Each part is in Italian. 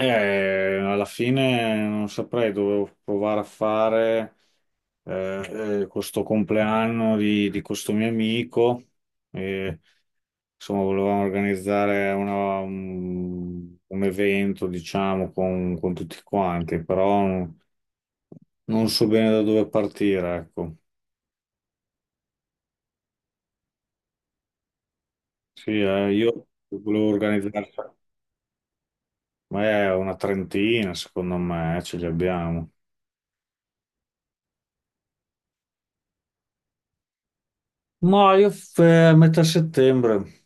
Alla fine non saprei, dovevo provare a fare questo compleanno di questo mio amico. E, insomma, volevamo organizzare un evento, diciamo, con tutti quanti, però non so bene da dove partire, ecco. Sì, io volevo organizzare, ma è una trentina, secondo me, ce li abbiamo. Ma io metà settembre.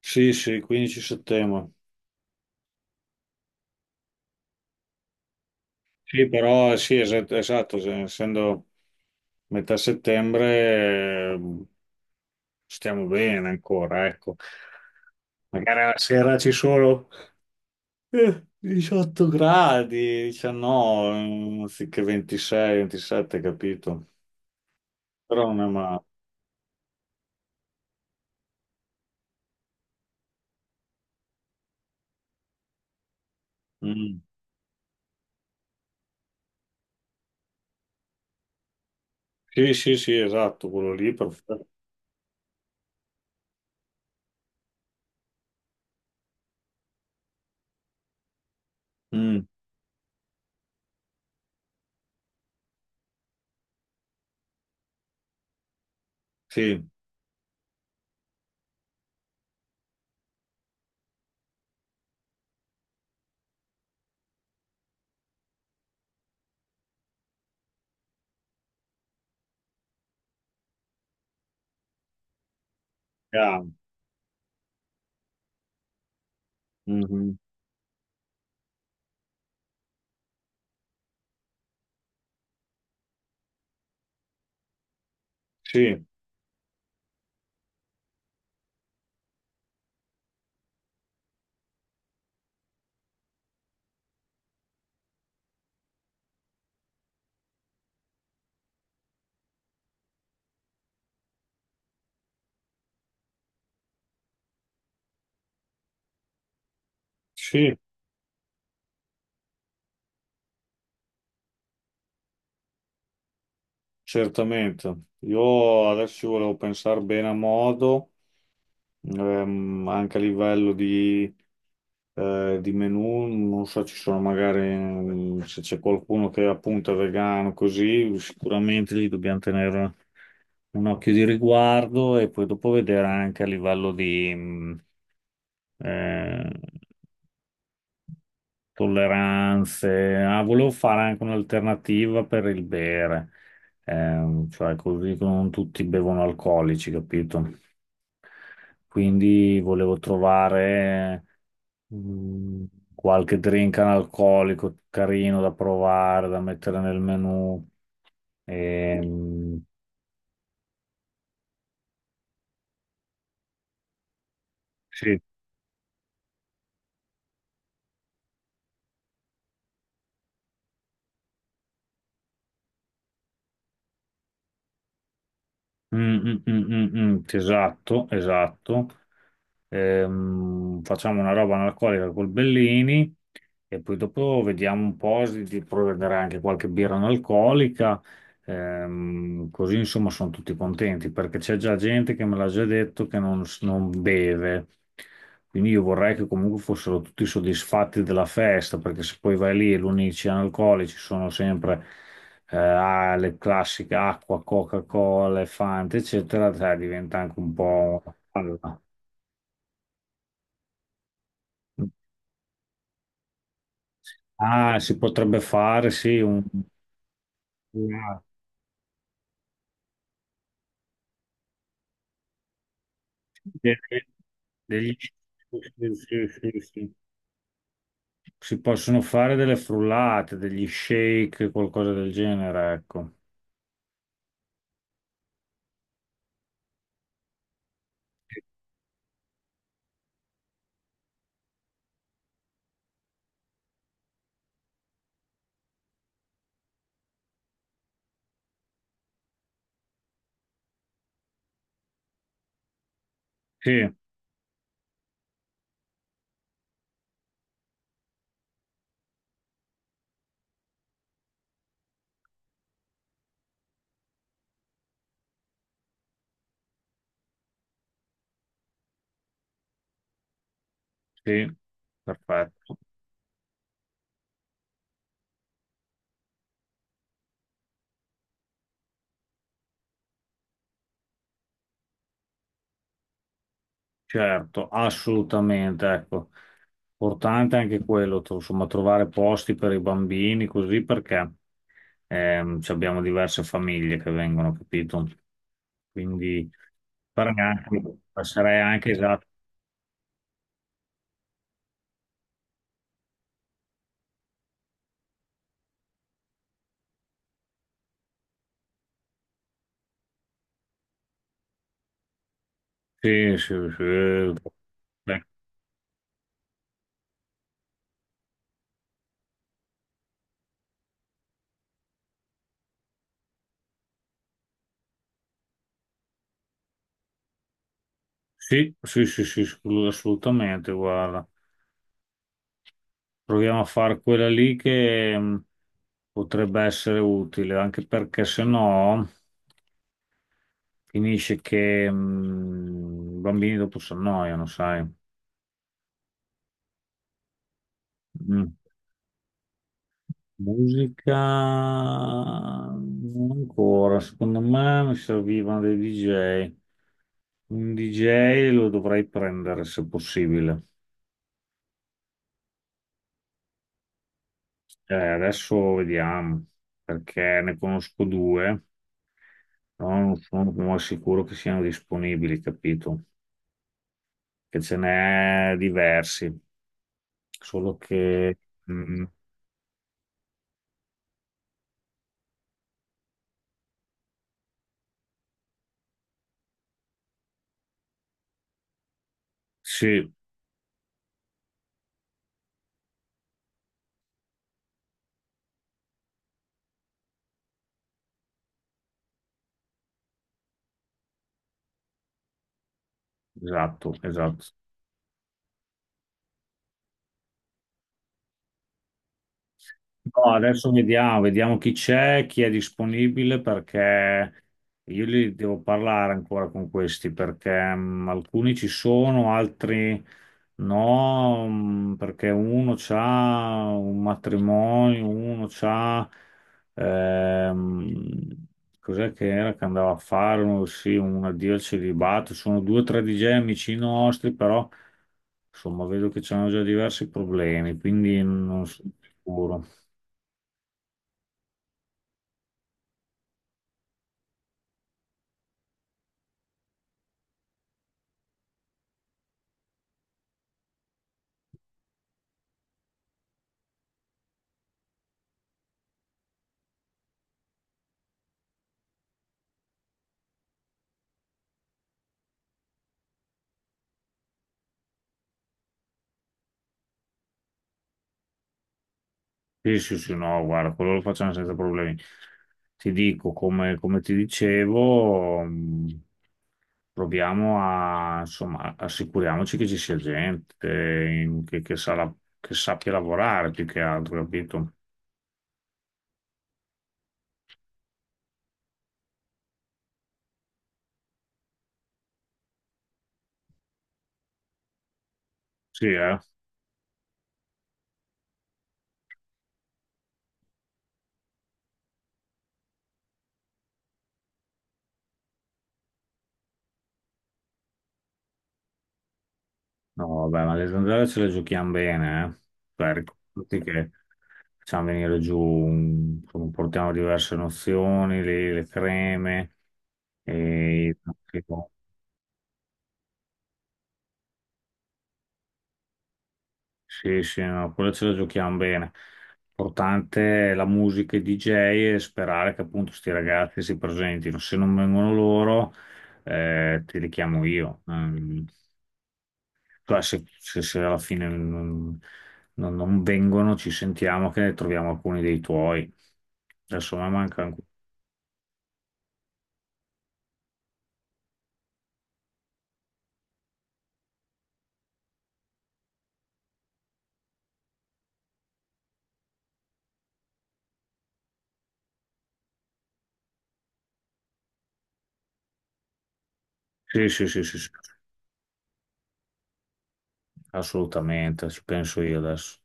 Sì, sì, 15 settembre. Sì, però sì, esatto, essendo metà settembre stiamo bene ancora, ecco. Magari la sera ci sono 18 gradi, 19, anziché 26, 27, capito? Però non è male. Mm. Sì, sì, sì, esatto, quello lì, perfetto. Mm, sì, chiaro. Mhm. Sì, sì. Certamente, io adesso ci volevo pensare bene a modo, anche a livello di menù, non so, ci sono magari se c'è qualcuno che appunto è vegano, così sicuramente lì dobbiamo tenere un occhio di riguardo e poi dopo vedere anche a livello di eh, tolleranze. Ah, volevo fare anche un'alternativa per il bere. Cioè così che non tutti bevono alcolici, capito? Quindi volevo trovare mm, qualche drink analcolico carino da provare, da mettere nel menù. Ehm, sì, mm, mm, mm, mm, mm, esatto, esatto. Facciamo una roba analcolica col Bellini. E poi dopo vediamo un po' di provvedere anche qualche birra non alcolica, così insomma sono tutti contenti perché c'è già gente che me l'ha già detto che non beve. Quindi io vorrei che comunque fossero tutti soddisfatti della festa, perché se poi vai lì e l'unici analcolici sono sempre le classiche acqua, Coca-Cola, Fanta, eccetera, sai, diventa anche un po' una palla. Ah, si potrebbe fare, sì, un... de- degli- si si- si- si possono fare delle frullate, degli shake, qualcosa del genere, ecco. Sì, sì, perfetto, certo, assolutamente, ecco. Importante anche quello, insomma, trovare posti per i bambini, così perché ci abbiamo diverse famiglie che vengono, capito? Quindi farei anche, passerei anche esatto. Sì, sì, sì. Sì, sì, sì, sì, assolutamente, guarda. Proviamo a fare quella lì che potrebbe essere utile, anche perché se no finisce che i bambini dopo si annoiano, sai. Mm. Musica non ancora, secondo me mi servivano dei DJ. Un DJ lo dovrei prendere se possibile. Adesso vediamo, perché ne conosco due. Sono sicuro che siano disponibili, capito? Che ce n'è diversi, solo che... mm, mm, sì, esatto, esatto. No, adesso vediamo, vediamo chi c'è, chi è disponibile, perché io li devo parlare ancora con questi, perché alcuni ci sono, altri no, perché uno c'ha un matrimonio, uno c'ha... ehm, cos'è che era che andava a fare? Uno, sì, un addio al celibato. Sono due o tre DJ amici nostri, però insomma vedo che c'hanno già diversi problemi, quindi non sono sicuro. Sì, sì, sì, no, guarda, quello lo facciamo senza problemi. Ti dico, come ti dicevo, proviamo a, insomma, assicuriamoci che ci sia gente che sa che sappia lavorare più che altro, capito? Sì, eh? No, vabbè, ma le zanzare ce le giochiamo bene, eh? Cioè, ricordati che facciamo venire giù, insomma, portiamo diverse nozioni, le creme, e... Sì, sì, no, quello ce la giochiamo bene. Importante è la musica e i DJ e sperare che appunto questi ragazzi si presentino. Se non vengono loro, ti richiamo io. Cioè, se alla fine non vengono, ci sentiamo che ne troviamo alcuni dei tuoi. Adesso mi manca... ancora. Sì, sì, sì, sì, sì, assolutamente, ci penso io adesso.